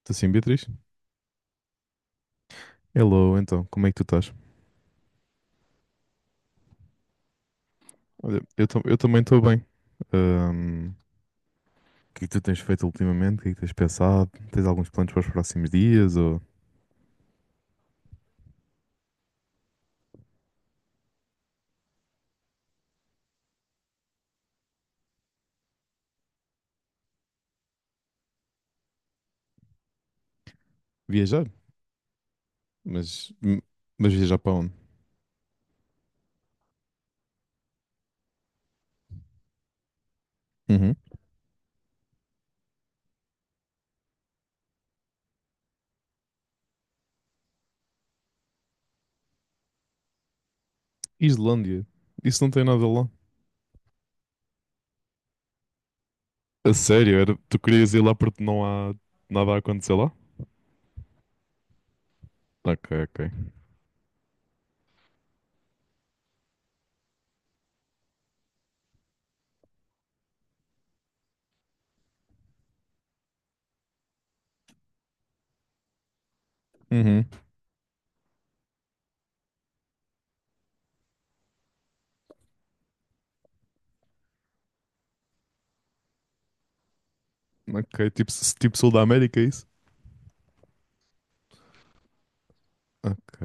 Estou sim, Beatriz? Hello, então, como é que tu estás? Olha, eu também estou bem. O que é que tu tens feito ultimamente? O que é que tens pensado? Tens alguns planos para os próximos dias? Ou viajar? Mas, m- mas viajar para onde? Uhum. Islândia. Isso não tem nada lá. A sério? Era, tu querias ir lá porque não há nada a acontecer lá? Ok, ok. Uhum. Ok, tipo Sul da América, é isso? Ok.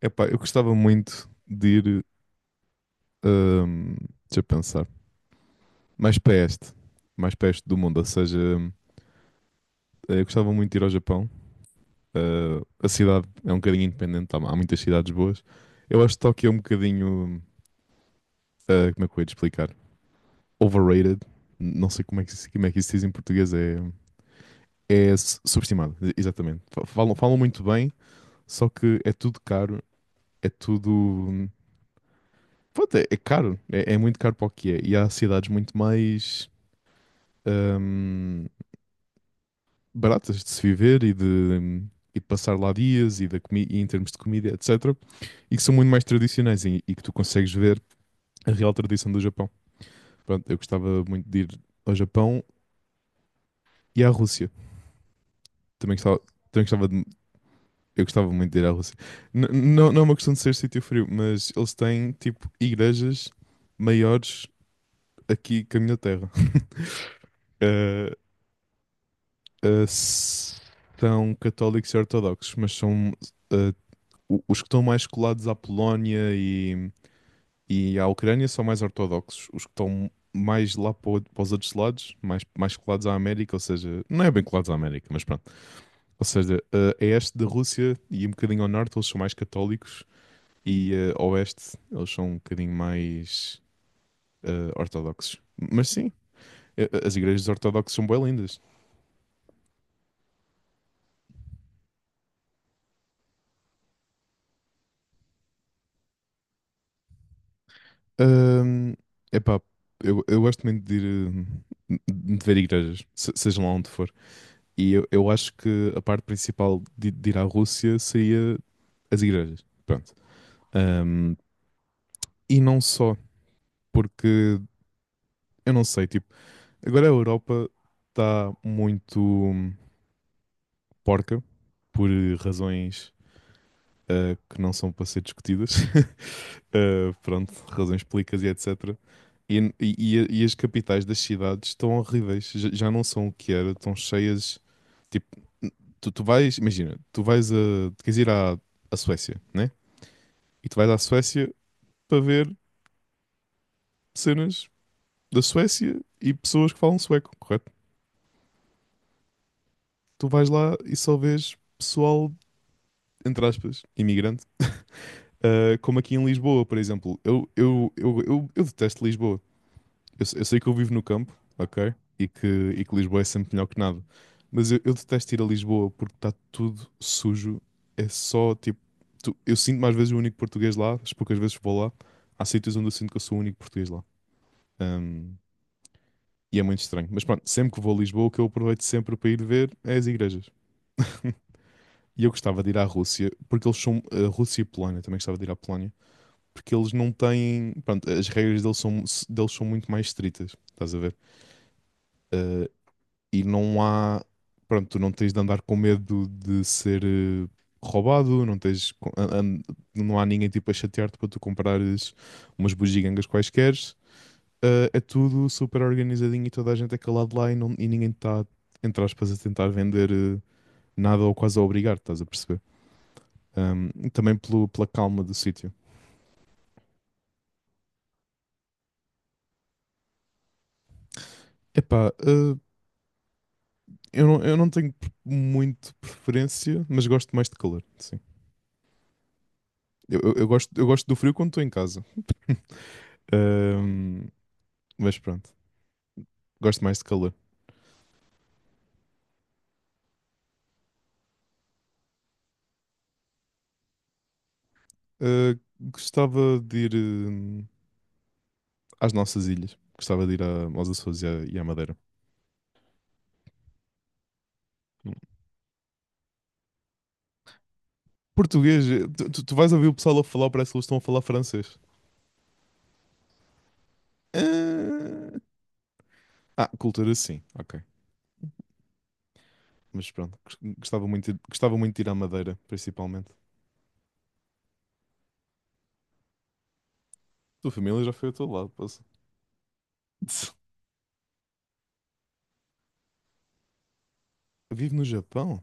Epá, eu gostava muito de ir. ahm, deixa eu pensar. mais para este, mais para este do mundo. Ou seja, eu gostava muito de ir ao Japão. A cidade é um bocadinho independente, há muitas cidades boas. Eu acho que Tóquio é um bocadinho, como é que eu ia te explicar? Overrated. Não sei como é que, como é que isso se diz em português, é subestimado, exatamente. Falam muito bem, só que é tudo caro, é tudo. Pronto, é caro, é muito caro para o que é. E há cidades muito mais hum, baratas de se viver e de passar lá dias e, da comi e em termos de comida, etc. E que são muito mais tradicionais e que tu consegues ver a real tradição do Japão. Pronto, eu gostava muito de ir ao Japão e à Rússia. Também gostava, também gostava. Eu gostava muito de ir à Rússia. N- não, não é uma questão de ser sítio frio, mas eles têm tipo igrejas maiores aqui que a minha terra. Eh, eh, s- são católicos e ortodoxos, mas são eh, os que estão mais colados à Polónia e a Ucrânia são mais ortodoxos. Os que estão mais lá para, para os outros lados, mais colados à América, ou seja, não é bem colados à América, mas pronto. Ou seja, a este da Rússia e um bocadinho ao norte, eles são mais católicos e a oeste, eles são um bocadinho mais ortodoxos. Mas sim, as igrejas ortodoxas são bem lindas. Ahm, epá, eu gosto muito de ir, de ver igrejas, seja lá onde for. E eu acho que a parte principal de ir à Rússia seria as igrejas. Pronto. Um, e não só, porque eu não sei, tipo, agora a Europa está muito porca por razões que não são para ser discutidas. Pronto, razões públicas e etc. E as capitais das cidades estão horríveis, já não são o que era, estão cheias. Tipo, tu vais, imagina, tu vais a, tu queres ir à, à Suécia, né? E tu vais à Suécia para ver cenas da Suécia e pessoas que falam sueco, correto? Tu vais lá e só vês pessoal, entre aspas, imigrante, como aqui em Lisboa, por exemplo. Eu detesto Lisboa. Eu, se- eu sei que eu vivo no campo, ok? E que Lisboa é sempre melhor que nada. Mas eu detesto ir a Lisboa porque está tudo sujo. É só tipo, eu sinto mais vezes o único português lá, as poucas vezes que vou lá. Há sítios onde eu sinto que eu sou o único português lá. Ahm, e é muito estranho. Mas pronto, sempre que vou a Lisboa, o que eu aproveito sempre para ir ver é as igrejas. E eu gostava de ir à Rússia, porque eles são. A Rússia e Polónia, também gostava de ir à Polónia, porque eles não têm. Pronto, as regras deles são muito mais estritas, estás a ver? Eh, e não há. Pronto, tu não tens de andar com medo de ser roubado, não tens. Não há ninguém tipo a chatear-te para tu comprares umas bugigangas quaisquer. É tudo super organizadinho e toda a gente é calado lá e, não, e ninguém está, entre aspas, a tentar vender nada ou quase a obrigar, estás a perceber? E também pela calma do sítio. Epá, eu não tenho muito preferência, mas gosto mais de calor, sim. Eu gosto do frio quando estou em casa. Ahm, mas pronto, gosto mais de calor. Ah, gostava de ir às nossas ilhas. Gostava de ir aos Açores e à Madeira. Português, tu vais ouvir o pessoal a falar, parece que eles estão a falar francês. Cultura sim, ok. Mas pronto, gostava muito de ir à Madeira, principalmente. Tua família já foi ao teu lado, passa. Vive no Japão?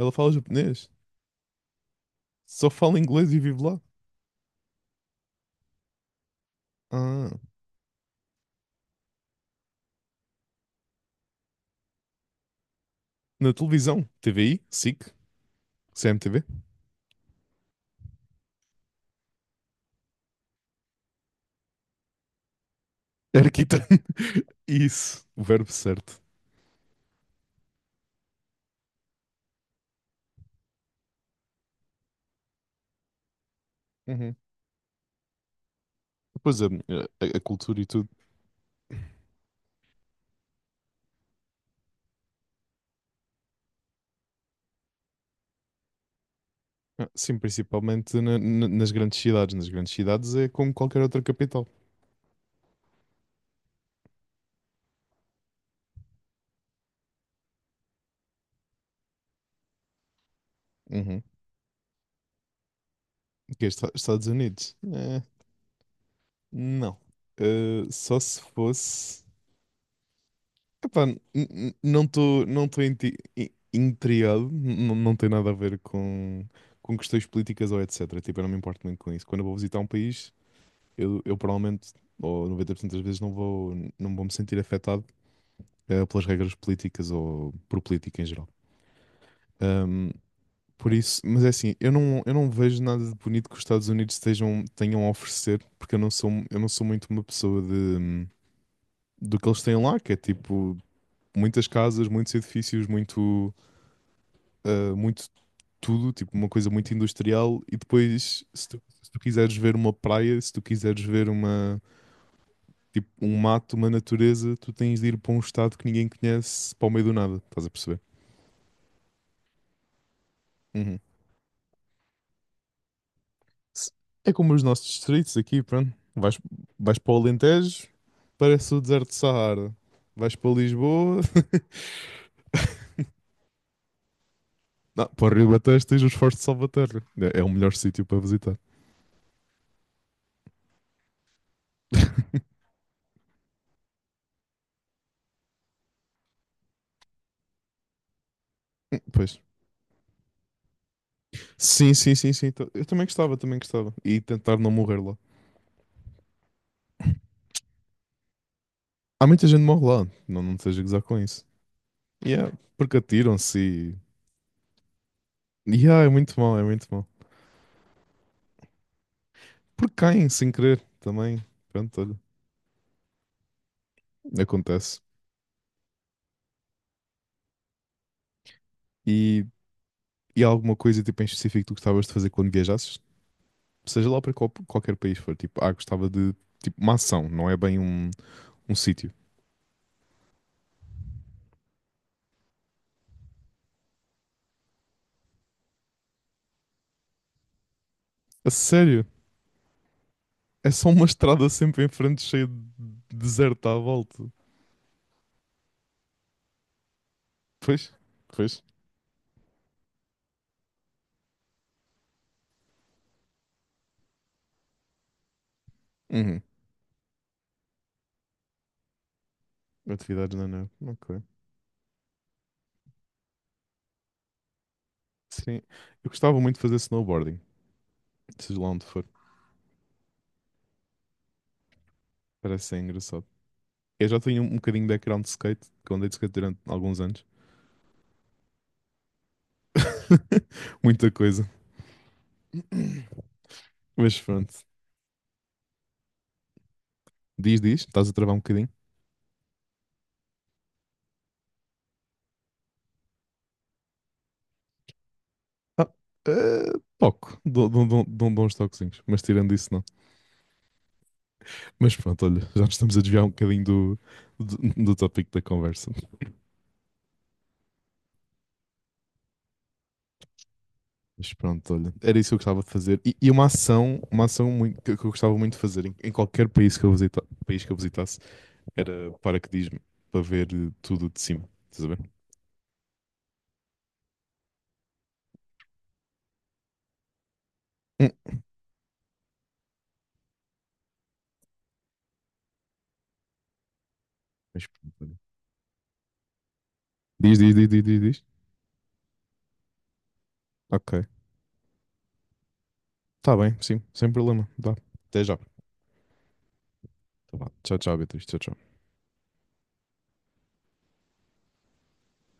Ela fala japonês? Só fala inglês e vive lá? Ah, na televisão? TVI? SIC? CMTV? Arquitan. Isso, o verbo certo. Uhum. Pois é, a cultura e tudo. Ah, sim, principalmente nas grandes cidades. Nas grandes cidades é como qualquer outra capital. Uhum. Que é Estados Unidos? Não. Só se fosse Epá, não estou intrigado, não tem nada a ver com, questões políticas ou etc. Tipo, eu não me importo muito com isso. Quando eu vou visitar um país, eu provavelmente, ou 90% das vezes, não vou me sentir afetado pelas regras políticas ou por política em geral. Ahm, por isso, mas é assim, eu não vejo nada de bonito que os Estados Unidos estejam, tenham a oferecer, porque eu não sou muito uma pessoa do que eles têm lá, que é tipo muitas casas, muitos edifícios, muito. Muito tudo, tipo uma coisa muito industrial, e depois, se tu quiseres ver uma praia, se tu quiseres ver uma, tipo, um mato, uma natureza, tu tens de ir para um estado que ninguém conhece, para o meio do nada, estás a perceber? Uhum. Se- É como os nossos distritos aqui, pronto. Vais para o Alentejo, parece o deserto de Saara. Vais para Lisboa, não, para o Rio Batejo tens os Fortes de Salvaterra. É o melhor sítio para visitar. Pois. Sim, sim, sim, sim. Eu também gostava, também gostava. E tentar não morrer lá. Há muita gente que morre lá, não, não te seja gozar com isso. Yeah, porque atiram-se e. Yeah, é muito mal, é muito mal. Porque caem sem querer também. Pronto, olha, acontece. E, e há alguma coisa tipo, em específico que tu gostavas de fazer quando viajasses? Seja lá para qualquer país for, tipo, gostava de. Tipo, uma ação, não é bem um sítio. A sério? É só uma estrada sempre em frente cheia de deserto à volta. Pois, pois. Uhum. Atividades na neve. Ok. Sim. Eu gostava muito de fazer snowboarding, seja lá onde for. Parece ser engraçado. Eu já tenho um bocadinho de background de skate, que eu andei de skate durante alguns anos. Muita coisa. Mas pronto. Diz, diz, estás a travar um bocadinho? Ah, pouco. Dou uns toquezinhos, mas tirando isso, não. Mas pronto, olha, já nos estamos a desviar um bocadinho do, do, do tópico da conversa. Mas pronto, olha, era isso que eu gostava de fazer. E uma ação muito, que eu gostava muito de fazer em qualquer país que eu visitasse era paraquedismo, para ver tudo de cima. Estás a ver? Mas pronto, olha. Diz, diz, diz, diz, diz, diz. Ok. Tá bem, sim, sem problema. Dá. Até já. Então vá. Tchau, tchau, Beatriz. Tchau, tchau.